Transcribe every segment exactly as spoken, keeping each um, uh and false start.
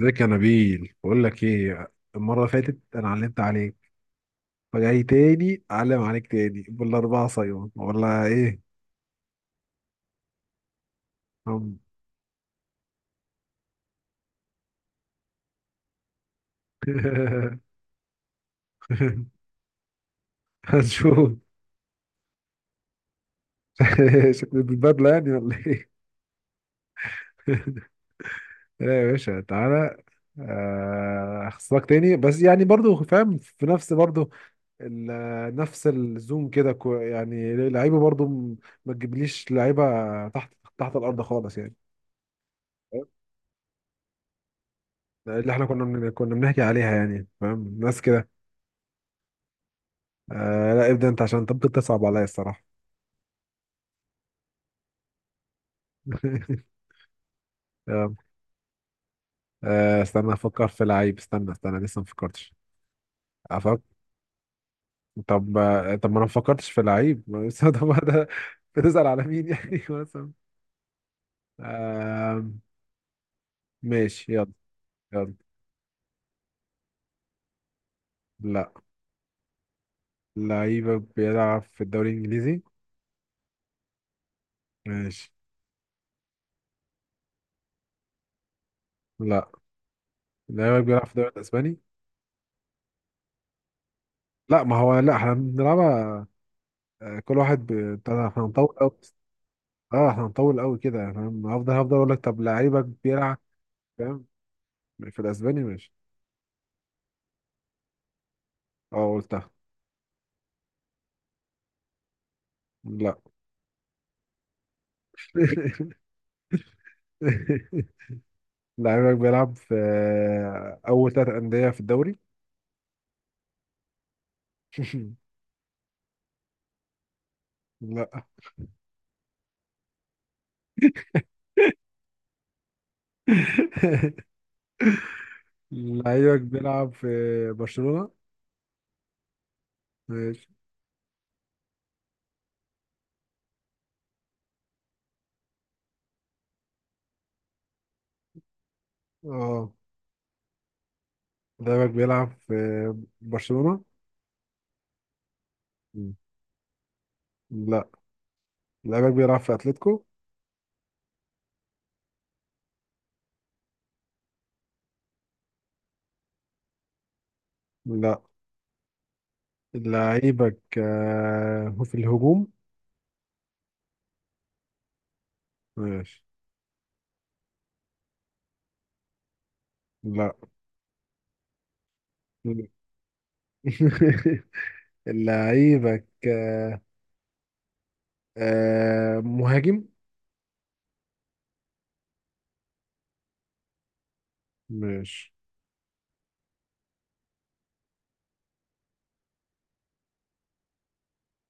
ازيك يا نبيل؟ بقول لك ايه، المره اللي فاتت انا علمت عليك. فجاي تاني اعلم عليك تاني بالاربعه صيون ولا ايه؟ هم. هنشوف. شكل البدله يعني ولا ايه؟ لا يا باشا، تعالى. آه، اخصك تاني، بس يعني برضو فاهم في نفس برضو، ال- نفس الزوم كده كو- يعني لعيبه برضو م- ما تجيبليش لعيبه تحت، تحت الارض خالص يعني. اللي احنا كنا من... كنا بنحكي عليها يعني، فاهم، ناس كده. آه، لا، ابدا انت عشان طب بتصعب عليا الصراحه. آه. آه، استنى افكر في لعيب، استنى استنى لسه ما فكرتش. افكر طب. آه، طب ما انا ما فكرتش في لعيب. ما بس- طب ده. بتسأل على مين يعني؟ مثلا. آه، ماشي، يلا. يلا. لا. لعيبك بيلعب في الدوري الانجليزي؟ ماشي. لا. لعيبك بيلعب في الدوري الاسباني؟ لا، ما هو لا، احنا بنلعبها. آه، كل واحد ب- بتاع ده، احنا هنطول أوي. اه، احنا هنطول قوي كده يعني، فاهم، هفضل هفضل اقول لك طب لعيبك بيلعب. فاهم. في الاسباني، ماشي. اه، قلتها. لا. لعيبك بيلعب في اول ثلاث انديه في الدوري؟ لا. لعيبك بيلعب في برشلونه؟ ماشي. اه، لعيبك بيلعب في برشلونه. مم. لا، لعيبك بيلعب في اتلتيكو؟ لا، لعيبك آه، في الهجوم؟ ماشي. لا. لعيبك آه، آه، مهاجم؟ ماشي.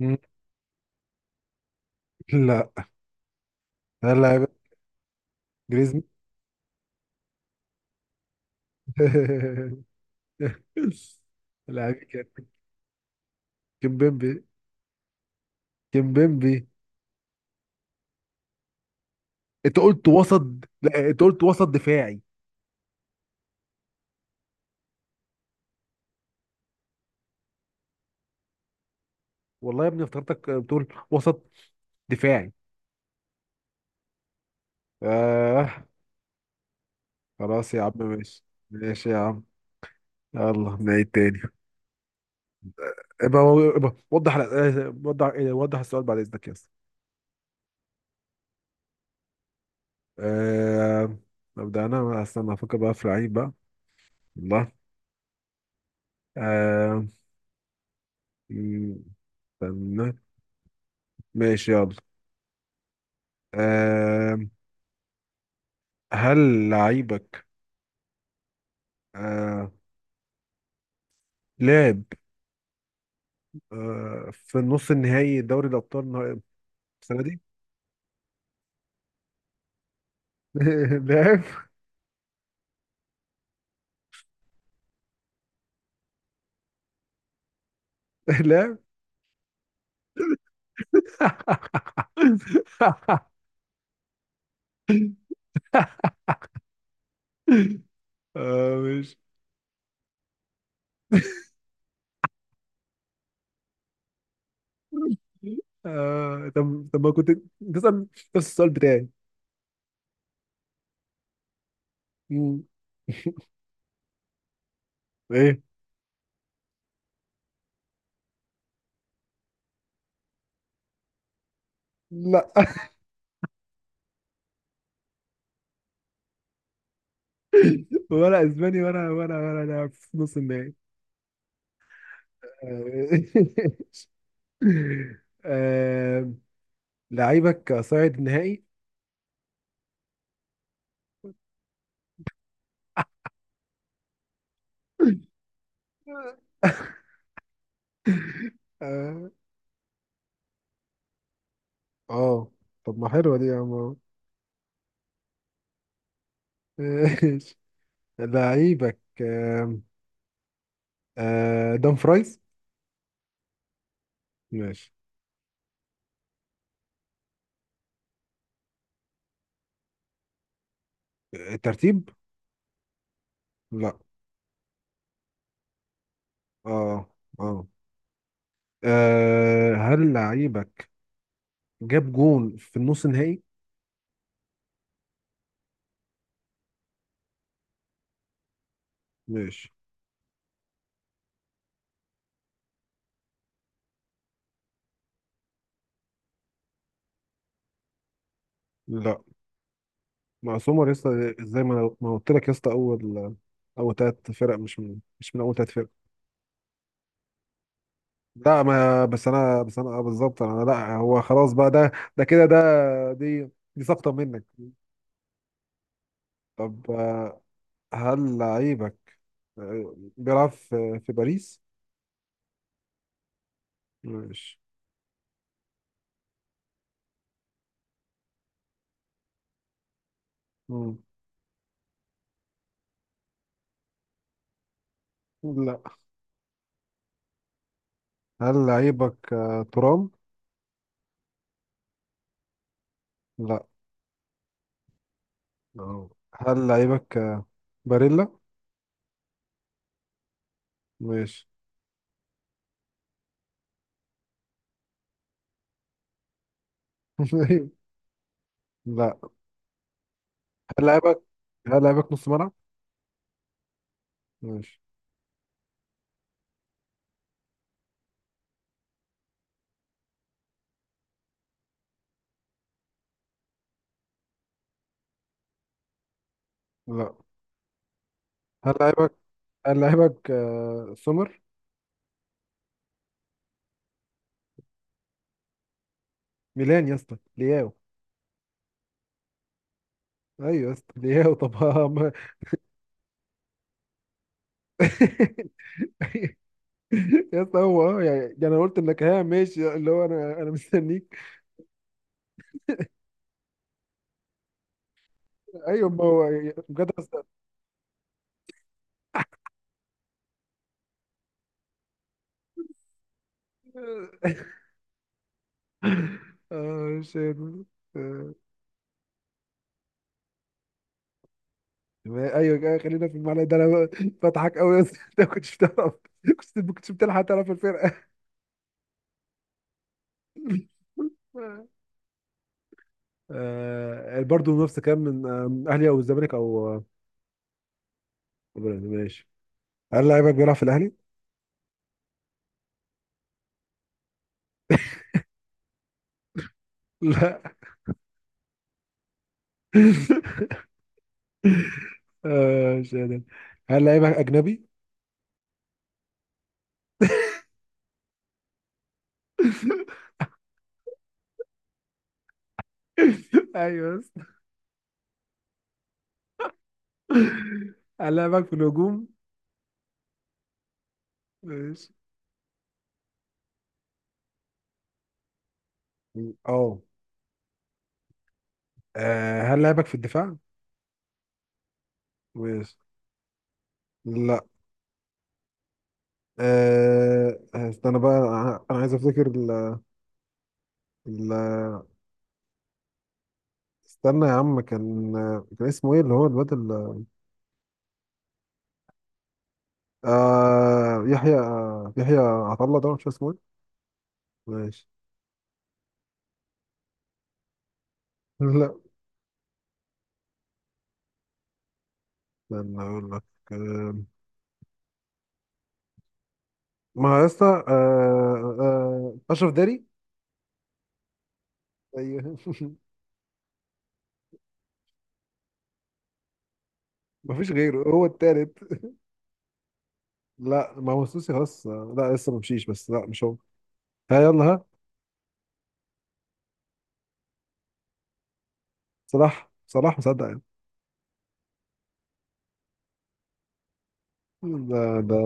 مم. لا. هل لعيبك جريزمان؟ لعيبك كيمبيمبي. كيمبيمبي. انت قلت وسط. لا، انت قلت وسط دفاعي. والله يا ابني افتكرتك بتقول وسط دفاعي. آه. خلاص يا عم، ماشي. ماشي يا عم. يلا نعيد تاني. ابقى ابقى وضح آه، وضح آه، وضح السؤال بعد اذنك يا اسطى. آه، ابدا انا، استنى افكر بقى في لعيب بقى. والله. آه... م- استنى. ماشي، يلا. آه... هل لعيبك آه... لعب آه... في نص النهائي دوري الأبطال النها- السنة دي؟ لعب. لعب. آه... ماشي. آه... طب طب ما كنت تسأل نفس السؤال بتاعي. مم. ايه. لا، ولا اسباني، ولا ولا ولا لاعب في نص النهائي. آه. آه... لعيبك صاعد نهائي؟ اه. آه. طب ما حلوة دي يا عم. ماشي. لعيبك آم، آه، دان فرايز؟ ماشي. الترتيب؟ لا. اه. اه. آه، هل لعيبك جاب جون في النص النهائي؟ ماشي. لا. مع سومر يسطا، زي ما ما قلت لك يا اسطى، اول اول ثلاث فرق، مش من مش من اول ثلاث فرق. لا، ما بس انا بس انا آه بالظبط انا، لا هو خلاص بقى، ده ده كده ده، دي دي سقطة منك. طب آه، هل لعيبك آه، بيلعب في في باريس؟ ماشي. مم. لا. هل لعيبك آه، ترام؟ لا. أهو. هل لعيبك آه، باريلا؟ ماشي. لا. هل لعيبك هل لعيبك نص ملعب؟ ماشي. لا. هل لعيبك هل لعيبك آه، سومر؟ ميلان يا اسطى، لياو. ايوه يا اسطى، لياو، طب. يا اسطى هو، اه يعني ده، انا قلت انك، ها ماشي، اللي هو انا انا مستنيك. ايوه، ما هو يعني بجد اصلا. اه، شيت. آه، آه، ايوه كده، خلينا في المعنى ده، انا ب- بضحك قوي يا اسطى. انت ما كنتش بتعرف، كنت ما كنتش بتلحق تعرف الفرقه. آه، برضه نفس كام من آه، اهلي او الزمالك او آه، ماشي. هل لعيبك بيلعب في الاهلي؟ لا. آه، مش قادر. هل لعيبك اجنبي؟ ايوه، بس هلاعبك في الهجوم؟ ماشي. اه. آه، هل لعبك في الدفاع؟ ماشي. لا. أه، استنى بقى، انا أنا عايز افتكر ال ال استنى يا عم، كان كان اسمه ايه اللي هو الواد ال- آه، يحيى، يحيى عطله، ده مش اسمه ايه؟ ماشي. لا. استنى اقول لك. آه، ما هو يا اسطى آه، آه، اشرف داري. ايوه. مفيش غيره، هو التالت. لا، ما هو السوسي، خلاص لا، لسه ما مشيش، بس لا، مش هو. ها يلا، ها. صلاح صلاح مصدق يعني. ده. ده.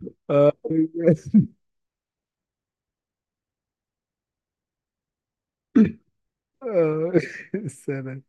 آه، آه، السلام.